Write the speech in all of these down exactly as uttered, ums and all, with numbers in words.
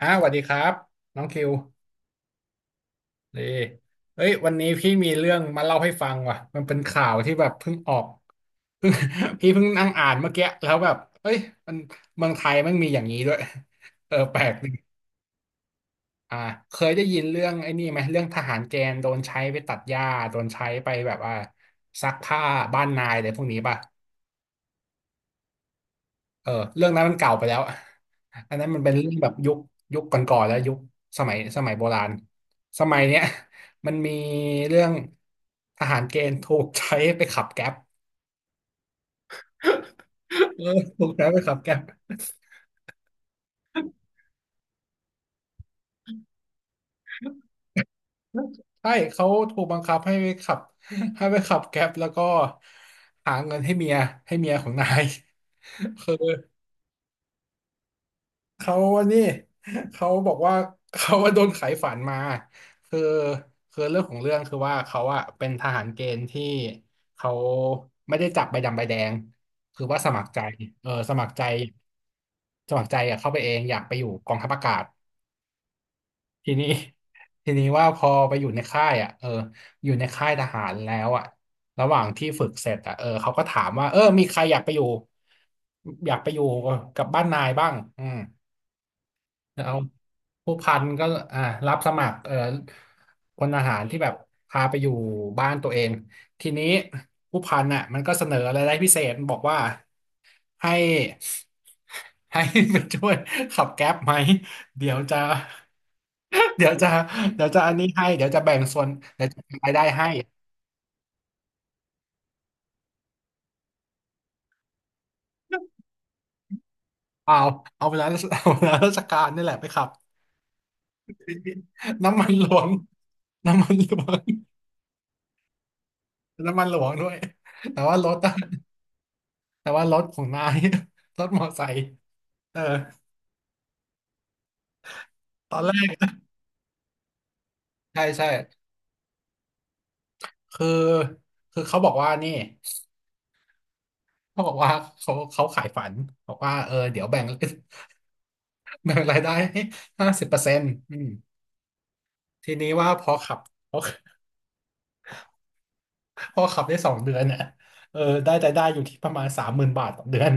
อ้าวสวัสดีครับน้องคิวนีเฮ้ยวันนี้พี่มีเรื่องมาเล่าให้ฟังว่ะมันเป็นข่าวที่แบบเพิ่งออก เพิ่ง พี่เพิ่งนั่งอ่านเมื่อกี้แล้วแบบเฮ้ยมันเมืองไทยมันมีอย่างนี้ด้วย เออแปลกดิอ่าเคยได้ยินเรื่องไอ้นี่ไหมเรื่องทหารแกณฑ์โดนใช้ไปตัดหญ้าโดนใช้ไปแบบว่าซักผ้าบ้านนายอะไรพวกนี้ป่ะ เออเรื่องนั้นมันเก่าไปแล้วอันนั้นมันเป็นเรื่องแบบยุคยุคก่อนๆแล้วยุคสมัยสมัยโบราณสมัยเนี้ย มันมีเรื่องทหารเกณฑ์ถูกใช้ไปขับแก๊ปเออถูกใช้ไปขับแก๊ป ใช่เขาถูกบังคับให้ไปขับ ให้ไปขับแก๊ปแล้วก็หาเงินให้เมียให้เมียของนาย คือ เขาอันนี้ เขาบอกว่า เขาว่าโดนขายฝันมาคือคือเรื่องของเรื่องคือว่าเขาอะเป็นทหารเกณฑ์ที่เขาไม่ได้จับใบดำใบแดงคือว่าสมัครใจเออสมัครใจสมัครใจอะเข้าไปเองอยากไปอยู่กองทัพอากาศทีนี้ ทีนี้ว่าพอไปอยู่ในค่ายอ่ะเอออยู่ในค่ายทหารแล้วอ่ะระหว่างที่ฝึกเสร็จอ่ะเออเขาก็ถามว่าเออมีใครอยากไปอยู่อยากไปอยู่กับบ้านนายบ้างอืม เอาผู้พันก็อ่ารับสมัครเอ่อพลทหารที่แบบพาไปอยู่บ้านตัวเองทีนี้ผู้พันน่ะมันก็เสนออะไรายได้พิเศษบอกว่าให้ให้ไปช่วยขับแก๊ปไหมเดี๋ยวจะ เดี๋ยวจะเดี๋ยวจะอันนี้ให้เดี๋ยวจะแบ่งส่วนเดี๋ยวจะแบ่งรายได้ให้เอาเอาเวลาเอาเวลาราชการนี่แหละไปขับน้ำมันหลวงน้ำมันหลวงน้ำมันหลวงด้วยแต่ว่ารถอะ แต่ว่ารถของนาย รถมอไซค์เออตอนแรกใช่ใช่คือคือเขาบอกว่านี่เขาบอกว่าเขาเขาขายฝันบอกว่าเออเดี๋ยวแบ่ง แบ่งรายได้ให้ห้าสิบเปอร์เซ็นต์อืมทีนี้ว่าพอขับพอพอขับได้สองเดือนเนี่ยเออได้รายได้อยู่ที่ประมาณสามหมื่นบาทต่อเดือน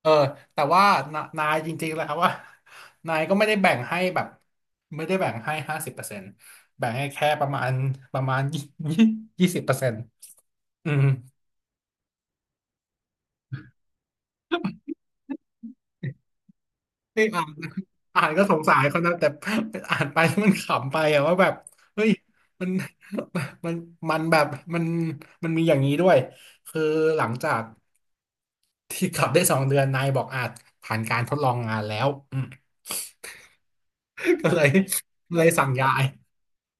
เออแต่ว่านานายจริงๆแล้วว่า นายก็ไม่ได้แบ่งให้แบบไม่ได้แบ่งให้ห้าสิบเปอร์เซ็นต์แบ่งให้แค่ประมาณประมาณยี่ยี่สิบเปอร์เซ็นต์ อืมนี่อ่านอ่านก็สงสารเขานะแต่อ่านไปมันขำไปอะว่าแบบเฮ้ยมันมันมันแบบมันมันมีอย่างนี้ด้วยคือหลังจากที่ขับได้สองเดือนนายบอกอาจผ่านการทดลองงานแล้วอืมก็เลยเลยสั่งย้าย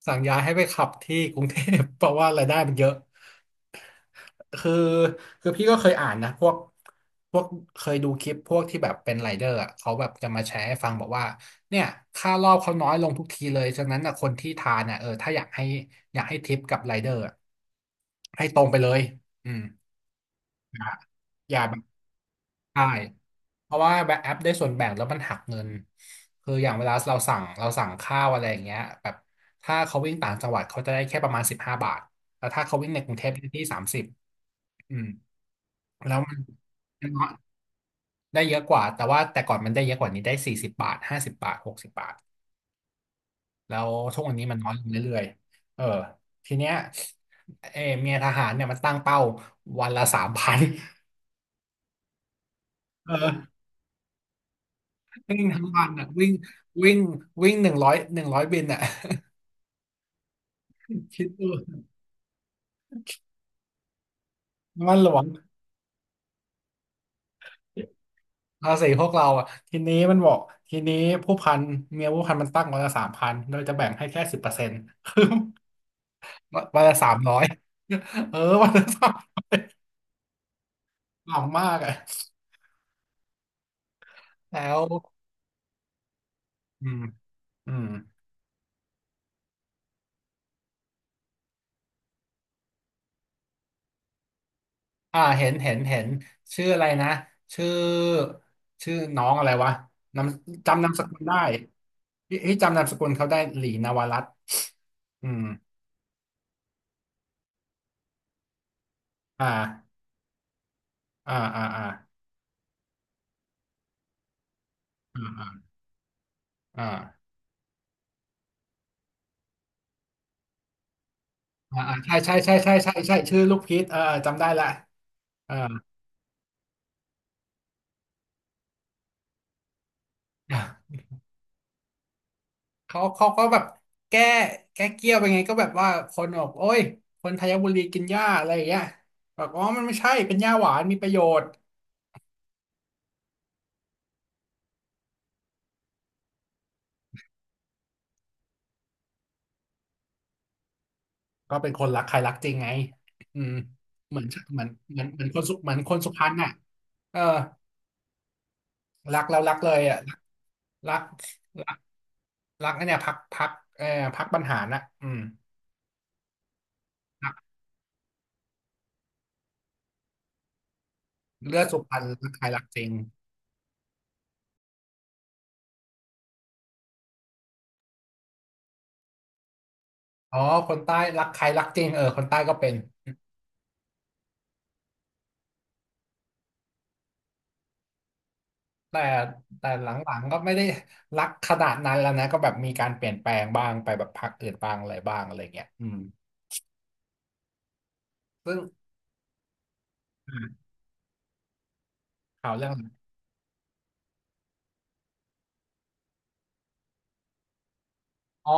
สั่งย้ายให้ไปขับที่กรุงเทพเพราะว่ารายได้มันเยอะ คือคือพี่ก็เคยอ่านนะพวกพวกเคยดูคลิปพวกที่แบบเป็นไรเดอร์อะเขาแบบจะมาแชร์ให้ฟังบอกว่าเนี่ยค่ารอบเขาน้อยลงทุกทีเลยฉะนั้นนะคนที่ทานอ่ะเออถ้าอยากให้อยากให้ทิปกับไรเดอร์อะให้ตรงไปเลยอืมอย่าอย่าแบบใช่เพราะว่าแบบแอปได้ส่วนแบ่งแล้วมันหักเงินคืออย่างเวลาเราสั่งเราสั่งข้าวอะไรอย่างเงี้ยแบบถ้าเขาวิ่งต่างจังหวัดเขาจะได้แค่ประมาณสิบห้าบาทแต่ถ้าเขาวิ่งในกรุงเทพได้ที่สามสิบ แล้วมันได้เยอะกว่าแต่ว่าแต่ก่อนมันได้เยอะกว่านี้ได้สี่สิบบาทห้าสิบบาทหกสิบบาทแล้วทุกวันนี้มันน้อยลงเรื่อยๆเออทีเนี้ยเออเมียทหารเนี่ยมันตั้งเป้าวันละสามพันเออวิ่งทั้งวันอ่ะวิ่งวิ่งวิ่งหนึ่งร้อยหนึ่งร้อยบินอ่ะ คิดดูมันหลวงภาษีพวกเราอ่ะทีนี้มันบอกทีนี้ผู้พันเมียผู้พันมันตั้งวันละสามพันโดยจะแบ่งให้แค่สิบเปอร์เซ็นต์ คือวันละสามร้อยเออวันละ หล่ำมากอ่ะแล้วอืมอืมอ่าเห็นเห็นเห็นชื่ออะไรนะชื่อชื่อน้องอะไรวะนามจำนามสกุลได้ที่ที่จำนามสกุลเขาได้หลีนวรัตน์อืมอ่าอ่าอ่าอ่าอ่าอ่าอ่าอ่าอ่าใช่ใช่ใช่ใช่ใช่ใช่ชื่อลูกพีชเออเออจำได้ละเออ เขาเขาก็แบบแก้แก้เกี้ยวไปไงก็แบบว่าคนบอกโอ้ยคนไทยบุรีกินหญ้าอะไรอย่างเงี้ยบอกอ๋อมันไม่ใช่เป็นหญ้าหวานมีประโยชน์ก็เป็นคนรักใครรักจริงไงอืมเหมือนเหมือนเหมือนเหมือนคนสุเหมือนคนสุพรรณอ่ะเออรักแล้วรักเลยอ่ะรักรักรักไอ้เนี่ยพักพักเออพักบรรหารน่ะอืมรักเลือดสุพรรณรักใครรักจริงอ๋อคนใต้รักใครรักจริงเออคนใต้ก็เป็น แต่แต่หลังๆก็ไม่ได้รักขนาดนั้นแล้วนะก็แบบมีการเปลี่ยนแปลงบ้างไปแบบพรรคอื่นบ้างอะไรบ้างอะไรเงี้ยอืมซึ่งอ่าข่าวเรื่องอ๋อ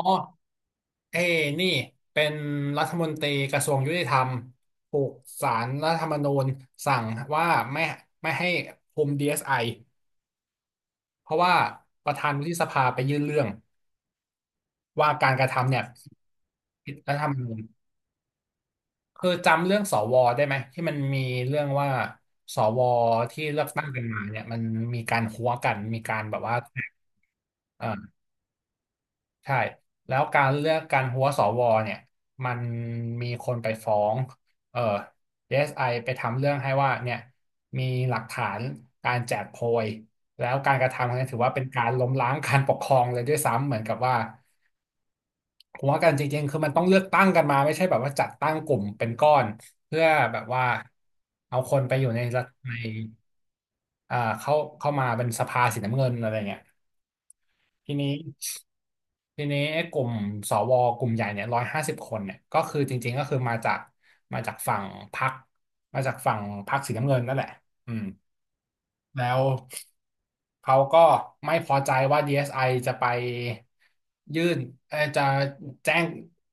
เอ้นี่เป็นรัฐมนตรีกระทรวงยุติธรรมถูกศาลรัฐธรรมนูญสั่งว่าไม่ไม่ให้คุม ดี เอส ไอ เอสไอเพราะว่าประธานวุฒิสภาไปยื่นเรื่องว่าการกระทำเนี่ยผิดรัฐธรรมนูญ คือจำเรื่องสวได้ไหมที่มันมีเรื่องว่าสวที่เลือกตั้งกันมาเนี่ยมันมีการหัวกันมีการแบบว่าเออใช่แล้วการเลือกการหัวสวเนี่ยมันมีคนไปฟ้องเออ ดี เอส ไอ ไอไปทำเรื่องให้ว่าเนี่ยมีหลักฐานการแจกโพยแล้วการกระทำครั้งนี้ถือว่าเป็นการล้มล้างการปกครองเลยด้วยซ้ำเหมือนกับว่า ผมว่ากันจริงๆคือมันต้องเลือกตั้งกันมาไม่ใช่แบบว่าจัดตั้งกลุ่มเป็นก้อนเพื่อแบบว่าเอาคนไปอยู่ในรัฐในอ่าเข้าเข้ามาเป็นสภาสีน้ำเงินอะไรเงี้ยทีนี้ทีนี้ไอ้กลุ่มสวกลุ่มใหญ่เนี่ยร้อยห้าสิบคนเนี่ยก็คือจริงๆก็คือมาจากมาจากฝั่งพรรคมาจากฝั่งพรรคสีน้ำเงินนั่นแหละอืม แล้วเขาก็ไม่พอใจว่า ดี เอส ไอ จะไปยื่นเอ่อจะแจ้ง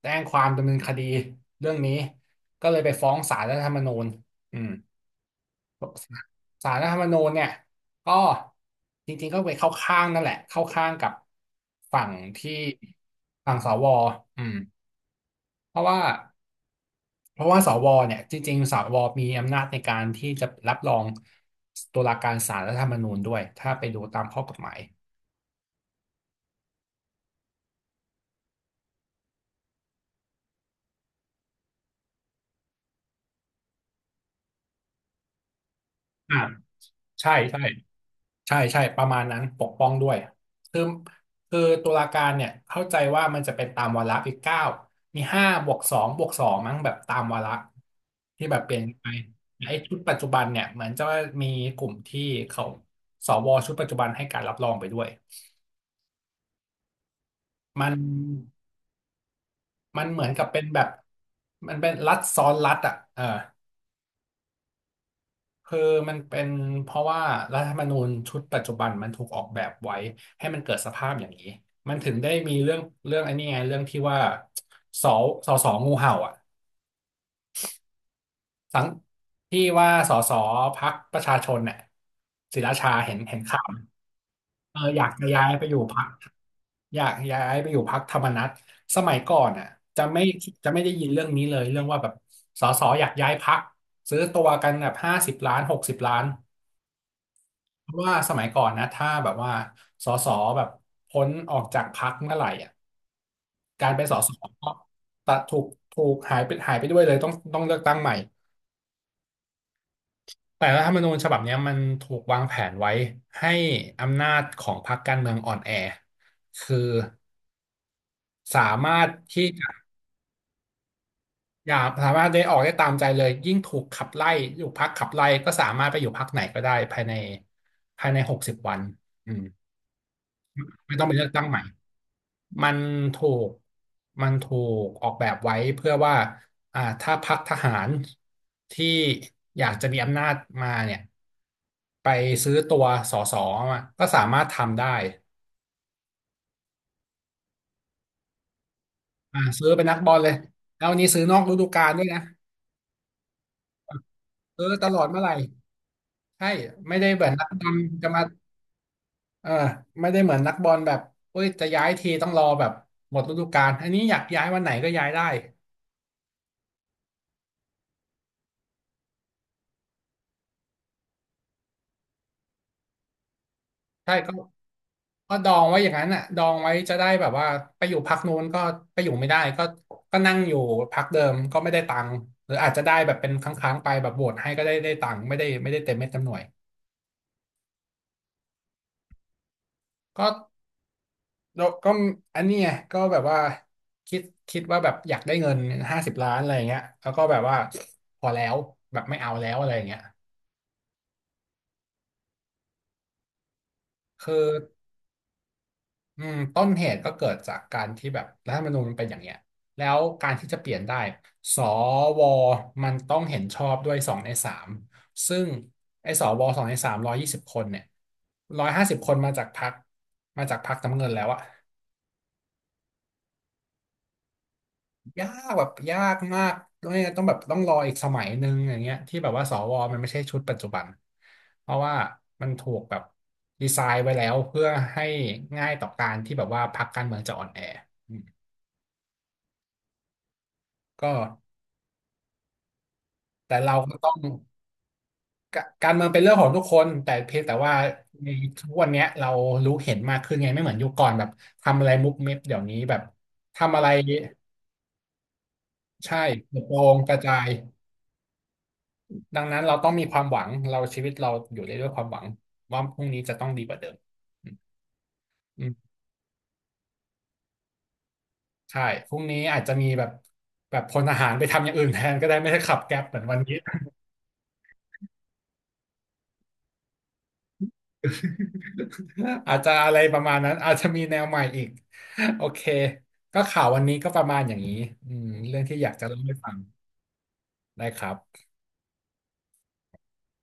แจ้งความดำเนินคดีเรื่องนี้ก็เลยไปฟ้องศาลรัฐธรรมนูญอืมศาลรัฐธรรมนูญเนี่ยก็จริงๆก็ไปเข้าข้างนั่นแหละเข้าข้างกับฝั่งที่ฝั่งสวอืมเพราะว่า เพราะว่าสวเนี่ยจริงๆสวมีอำนาจในการที่จะรับรองตุลาการศาลรัฐธรรมนูญด้วยถ้าไปดูตามข้อกฎหมายอ่าใช่ใช่ใช่ใช่ประมาณนั้นปกป้องด้วยคือคือตุลาการเนี่ยเข้าใจว่ามันจะเป็นตามวาระอีกเก้ามีห้าบวกสองบวกสองมั้งแบบตามวาระที่แบบเปลี่ยนไปไอ้ชุดปัจจุบันเนี่ยเหมือนจะมีกลุ่มที่เขาสวชุดปัจจุบันให้การรับรองไปด้วยมัน มันเหมือนกับเป็นแบบมันเป็นรัฐซ้อนรัฐอ่ะเออคือมันเป็นเพราะว่ารัฐธรรมนูญชุดปัจจุบันมันถูกออกแบบไว้ให้มันเกิดสภาพอย่างนี้มันถึงได้มีเรื่องเรื่องไอ้นี่ไงเรื่องที่ว่าสอสอสองูเห่าอ่ะสังที่ว่าสอสอพรรคประชาชนเนี่ยศิราชาเห็นเห็นข่าวเอออยากจะย้ายไปอยู่พรรค อยากย้ายไปอยู่พรรคธรรมนัสสมัยก่อนอ่ะจะไม่จะไม่ได้ยินเรื่องนี้เลยเรื่องว่าแบบสสอยากย้ายพรรคซื้อตัวกันแบบห้าสิบล้านหกสิบล้านเพราะว่าสมัยก่อนนะถ้าแบบว่าสสแบบพ้นออกจากพรรคเมื่อไหร่อ่ะการเป็นสสก็ตัดถูกถูกหายไปหายไปด้วยเลยต้องต้องเลือกตั้งใหม่แต่รัฐธรรมนูญฉบับเนี้ยมันถูกวางแผนไว้ให้อำนาจของพรรคการเมืองอ่อนแอคือสามารถที่จะ อย่าสามารถได้ออกได้ตามใจเลยยิ่งถูกขับไล่อยู่พักขับไล่ก็สามารถไปอยู่พักไหนก็ได้ภายในภายในหกสิบวันอืมไม่ต้องไปเลือกตั้งใหม่มันถูกมันถูกออกแบบไว้เพื่อว่าอ่าถ้าพรรคทหารที่อยากจะมีอำนาจมาเนี่ยไปซื้อตัวสสมาก็สามารถทำได้อ่าซื้อเป็นนักบอลเลยแล้ววันนี้ซื้อนอกฤดูกาลด้วยนะซื้อตลอดเมื่อไหร่ใช่ไม่ได้แบบนักดำจะมา เออไม่ได้เหมือนนักบอลแบบเอ้ยจะย้ายทีต้องรอแบบหมดฤดูกาลอันนี้อยากย้ายวันไหนก็ย้ายได้ใช่ก็ก็ดองไว้อย่างนั้นอ่ะดองไว้จะได้แบบว่าไปอยู่พักนู้นก็ไปอยู่ไม่ได้ก็ก็นั่งอยู่พักเดิมก็ไม่ได้ตังค์หรืออาจจะได้แบบเป็นครั้งๆไปแบบโหวตให้ก็ได้ได้ตังค์ไม่ได้ไม่ได้เต็มเม็ดเต็มหน่วยก็ก็อันนี้ไงก็แบบว่าคิดคิดว่าแบบอยากได้เงินห้าสิบล้านอะไรอย่างเงี้ยแล้วก็แบบว่าพอแล้วแบบไม่เอาแล้วอะไรอย่างเงี้ยคือ อืมต้นเหตุก็เกิดจากการที่แบบรัฐธรรมนูญมันเป็นอย่างเงี้ยแล้วการที่จะเปลี่ยนได้สวมันต้องเห็นชอบด้วยสองในสามซึ่งไอ้สวสองในสามร้อยยี่สิบคนเนี่ยร้อยห้าสิบคนมาจากพรรคมาจากพรรคน้ำเงินแล้วอะยากแบบยากมากด้วยต้องแบบต้องรออีกสมัยหนึ่งอย่างเงี้ยที่แบบว่าสวมันไม่ใช่ชุดปัจจุบันเพราะว่ามันถูกแบบดีไซน์ไว้แล้วเพื่อให้ง่ายต่อการที่แบบว่าพรรคการเมืองจะอ่อนแออืมก็ แต่เราก็ต้องกการเมืองเป็นเรื่องของทุกคนแต่เพียงแต่ว่าในทุกวันเนี้ยเรารู้เห็นมากขึ้นไงไม่เหมือนยุคก่อนแบบทำอะไรมุบมิบเดี๋ยวนี้แบบทำอะไรใช่เปร่งกระจายดังนั้นเราต้องมีความหวังเราชีวิตเราอยู่ได้ด้วยความหวังว่าพรุ่งนี้จะต้องดีกว่าเดิมอืมใช่พรุ่งนี้อาจจะมีแบบแบบพลทหารไปทำอย่างอื่นแทนก็ได้ไม่ใช่ขับแก๊ปเหมือนวันนี้ อาจจะอะไรประมาณนั้นอาจจะมีแนวใหม่อีกโอเคก็ข่าววันนี้ก็ประมาณอย่างนี้อืมเรื่องที่อยากจะเล่าให้ฟังได้ครับ